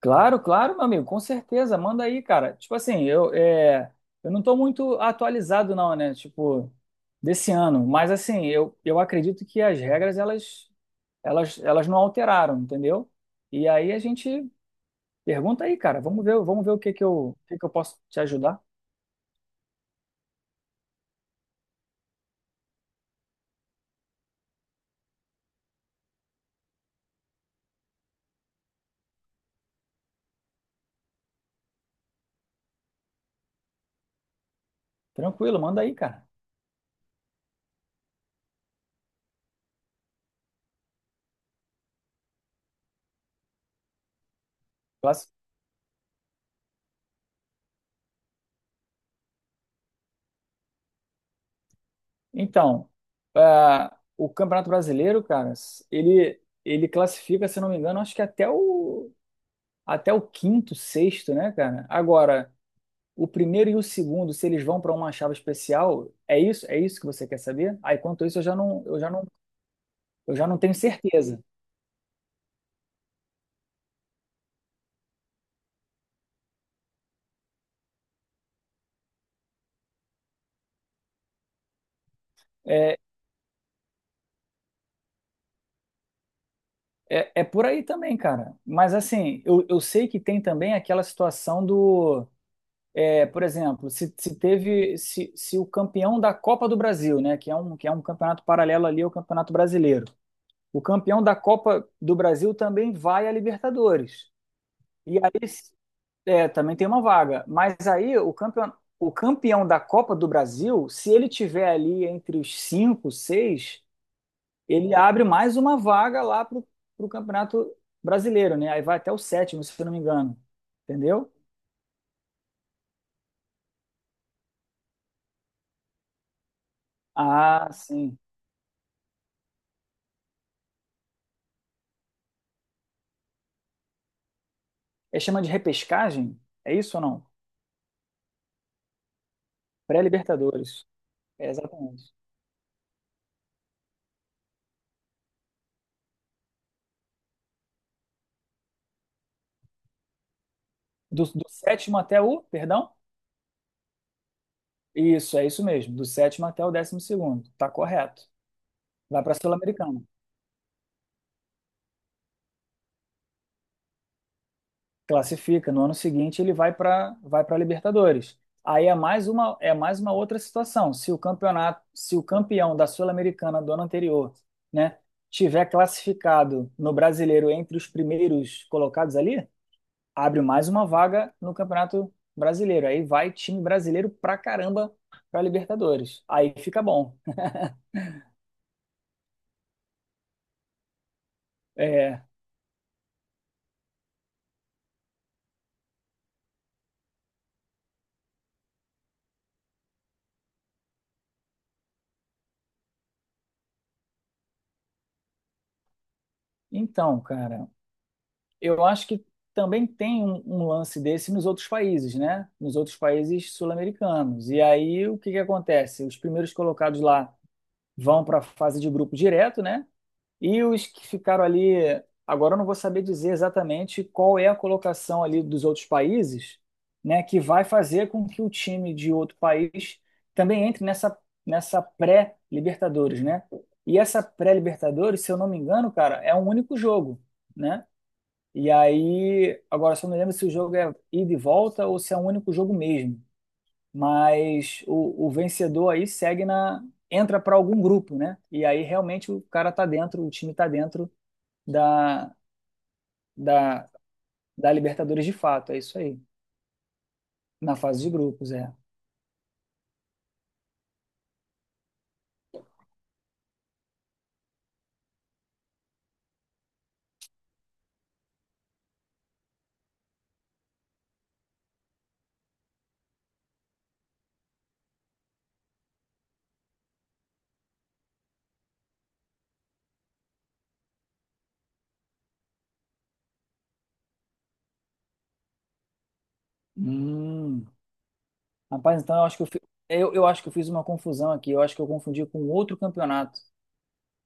Claro, claro, meu amigo, com certeza, manda aí, cara. Tipo assim, eu não tô muito atualizado não, né? Tipo, desse ano, mas assim, eu acredito que as regras, elas não alteraram, entendeu? E aí a gente pergunta aí, cara, vamos ver o que que eu posso te ajudar. Tranquilo, manda aí, cara. Classi- Então, ah, o Campeonato Brasileiro, cara, ele classifica, se eu não me engano, acho que até o quinto, sexto, né, cara? Agora, o primeiro e o segundo, se eles vão para uma chave especial, é isso? É isso que você quer saber? Aí, quanto isso, eu já não, eu já não, eu já não tenho certeza. É, é, por aí também, cara. Mas assim, eu sei que tem também aquela situação do, por exemplo, se teve, se o campeão da Copa do Brasil, né, que é um campeonato paralelo ali ao Campeonato Brasileiro, o campeão da Copa do Brasil também vai à Libertadores. E aí. É, também tem uma vaga. Mas aí o campeão da Copa do Brasil, se ele tiver ali entre os cinco, seis, ele abre mais uma vaga lá pro Campeonato Brasileiro, né? Aí vai até o sétimo, se eu não me engano. Entendeu? Ah, sim. É chama de repescagem? É isso ou não? Pré-Libertadores. É exatamente. Do sétimo até o, perdão? Isso, é isso mesmo. Do sétimo até o 12º. Tá correto. Vai para a Sul-Americana. Classifica. No ano seguinte ele vai para Libertadores. Aí é mais uma outra situação. Se o campeão da Sul-Americana do ano anterior, né, tiver classificado no Brasileiro entre os primeiros colocados ali, abre mais uma vaga no Campeonato Brasileiro. Aí vai time brasileiro pra caramba para Libertadores. Aí fica bom. É, então, cara, eu acho que também tem um lance desse nos outros países, né? Nos outros países sul-americanos. E aí o que que acontece? Os primeiros colocados lá vão para a fase de grupo direto, né? E os que ficaram ali, agora eu não vou saber dizer exatamente qual é a colocação ali dos outros países, né? Que vai fazer com que o time de outro país também entre nessa pré-Libertadores, né? E essa pré-Libertadores, se eu não me engano, cara, é um único jogo, né? E aí, agora só não lembro se o jogo é ida e volta ou se é um único jogo mesmo. Mas o vencedor aí segue na, entra para algum grupo, né? E aí realmente o cara tá dentro, o time tá dentro da, da, da Libertadores de fato, é isso aí. Na fase de grupos, é. Hum. Rapaz, então eu acho que eu fiz uma confusão aqui. Eu acho que eu confundi com outro campeonato.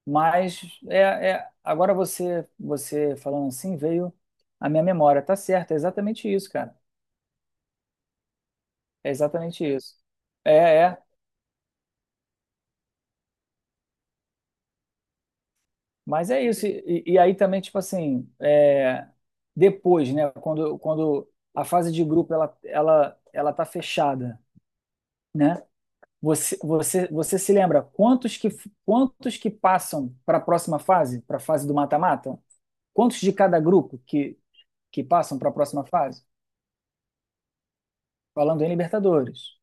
Mas agora você falando assim veio a minha memória. Tá certo, é exatamente isso, cara. É exatamente isso. É, é. Mas é isso. E aí também, tipo assim, depois, né? Quando a fase de grupo ela tá fechada, né? Você se lembra quantos que passam para a próxima fase, para a fase do mata-mata? Quantos de cada grupo que passam para a próxima fase? Falando em Libertadores.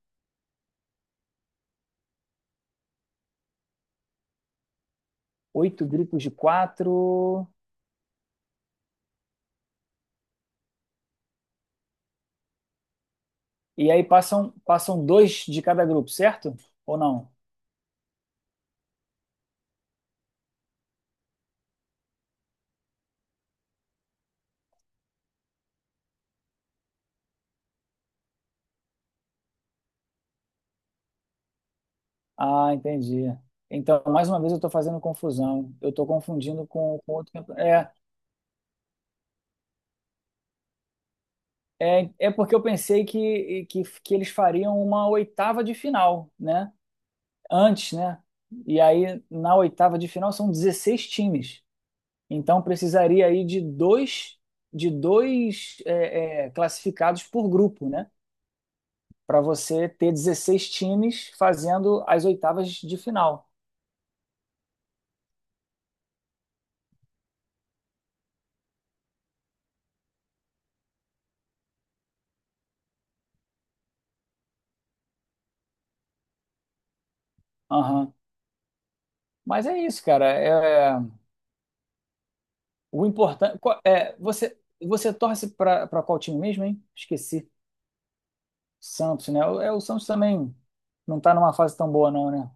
Oito grupos de quatro. E aí passam dois de cada grupo, certo? Ou não? Ah, entendi. Então, mais uma vez, eu estou fazendo confusão. Eu estou confundindo com outro campeonato. É, porque eu pensei que eles fariam uma oitava de final, né? Antes, né? E aí, na oitava de final, são 16 times. Então, precisaria aí de dois classificados por grupo, né? Para você ter 16 times fazendo as oitavas de final. Aham. Mas é isso, cara. É, o importante. É, você torce para qual time mesmo, hein? Esqueci. Santos, né? É, o Santos também não tá numa fase tão boa, não, né?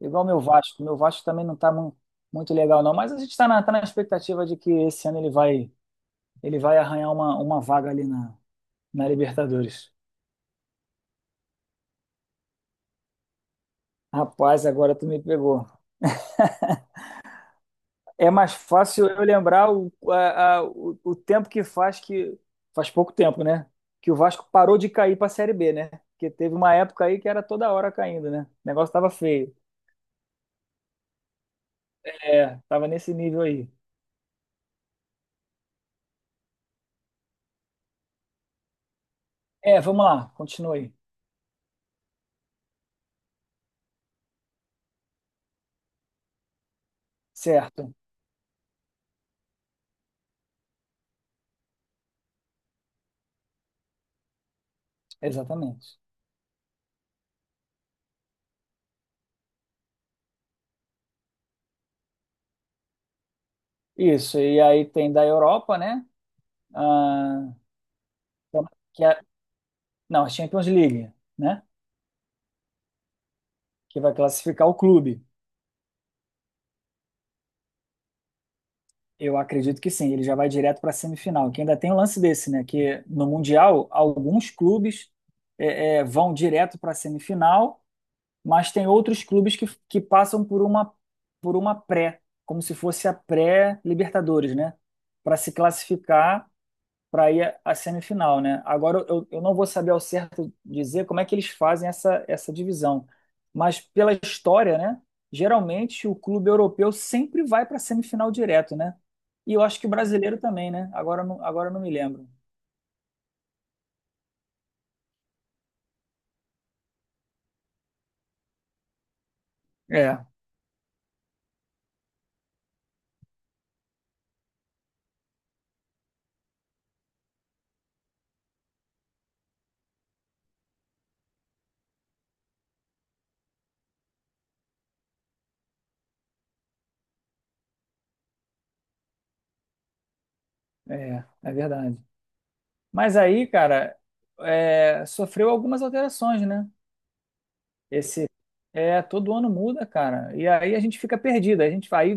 Igual meu Vasco. Meu Vasco também não tá muito legal, não. Mas a gente tá na expectativa de que esse ano ele vai arranhar uma vaga ali na Libertadores. Rapaz, agora tu me pegou. É mais fácil eu lembrar o, a- o tempo que. Faz pouco tempo, né? Que o Vasco parou de cair para a Série B, né? Porque teve uma época aí que era toda hora caindo, né? O negócio tava feio. É, tava nesse nível aí. É, vamos lá, continue aí. Certo, exatamente. Isso, e aí tem da Europa, né? Ah, que é- não, a Champions League, né? Que vai classificar o clube. Eu acredito que sim, ele já vai direto para a semifinal. Que ainda tem um lance desse, né? Que no Mundial, alguns clubes vão direto para a semifinal, mas tem outros clubes que passam por uma pré, como se fosse a pré-Libertadores, né? Para se classificar para ir à semifinal, né? Agora eu não vou saber ao certo dizer como é que eles fazem essa divisão, mas pela história, né? Geralmente o clube europeu sempre vai para a semifinal direto, né? E eu acho que o brasileiro também, né? Agora eu não me lembro. É, é, verdade. Mas aí, cara, sofreu algumas alterações, né? Esse é todo ano muda, cara. E aí a gente fica perdido. A gente aí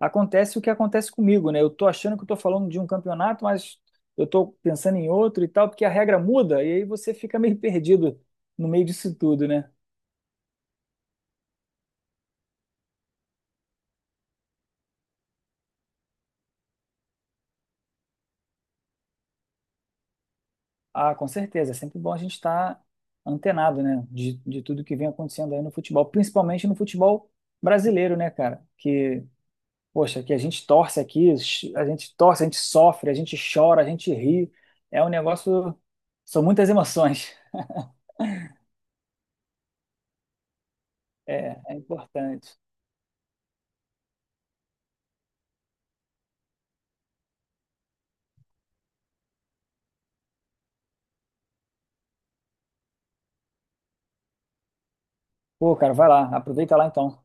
acontece o que acontece comigo, né? Eu tô achando que eu tô falando de um campeonato, mas eu tô pensando em outro e tal, porque a regra muda e aí você fica meio perdido no meio disso tudo, né? Ah, com certeza. É sempre bom a gente estar antenado, né? De tudo que vem acontecendo aí no futebol, principalmente no futebol brasileiro, né, cara? Que poxa, que a gente torce aqui, a gente torce, a gente sofre, a gente chora, a gente ri. É um negócio. São muitas emoções. É, é importante. Pô, cara, vai lá, aproveita lá então.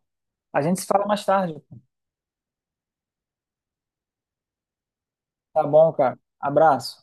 A gente se fala mais tarde. Tá bom, cara. Abraço.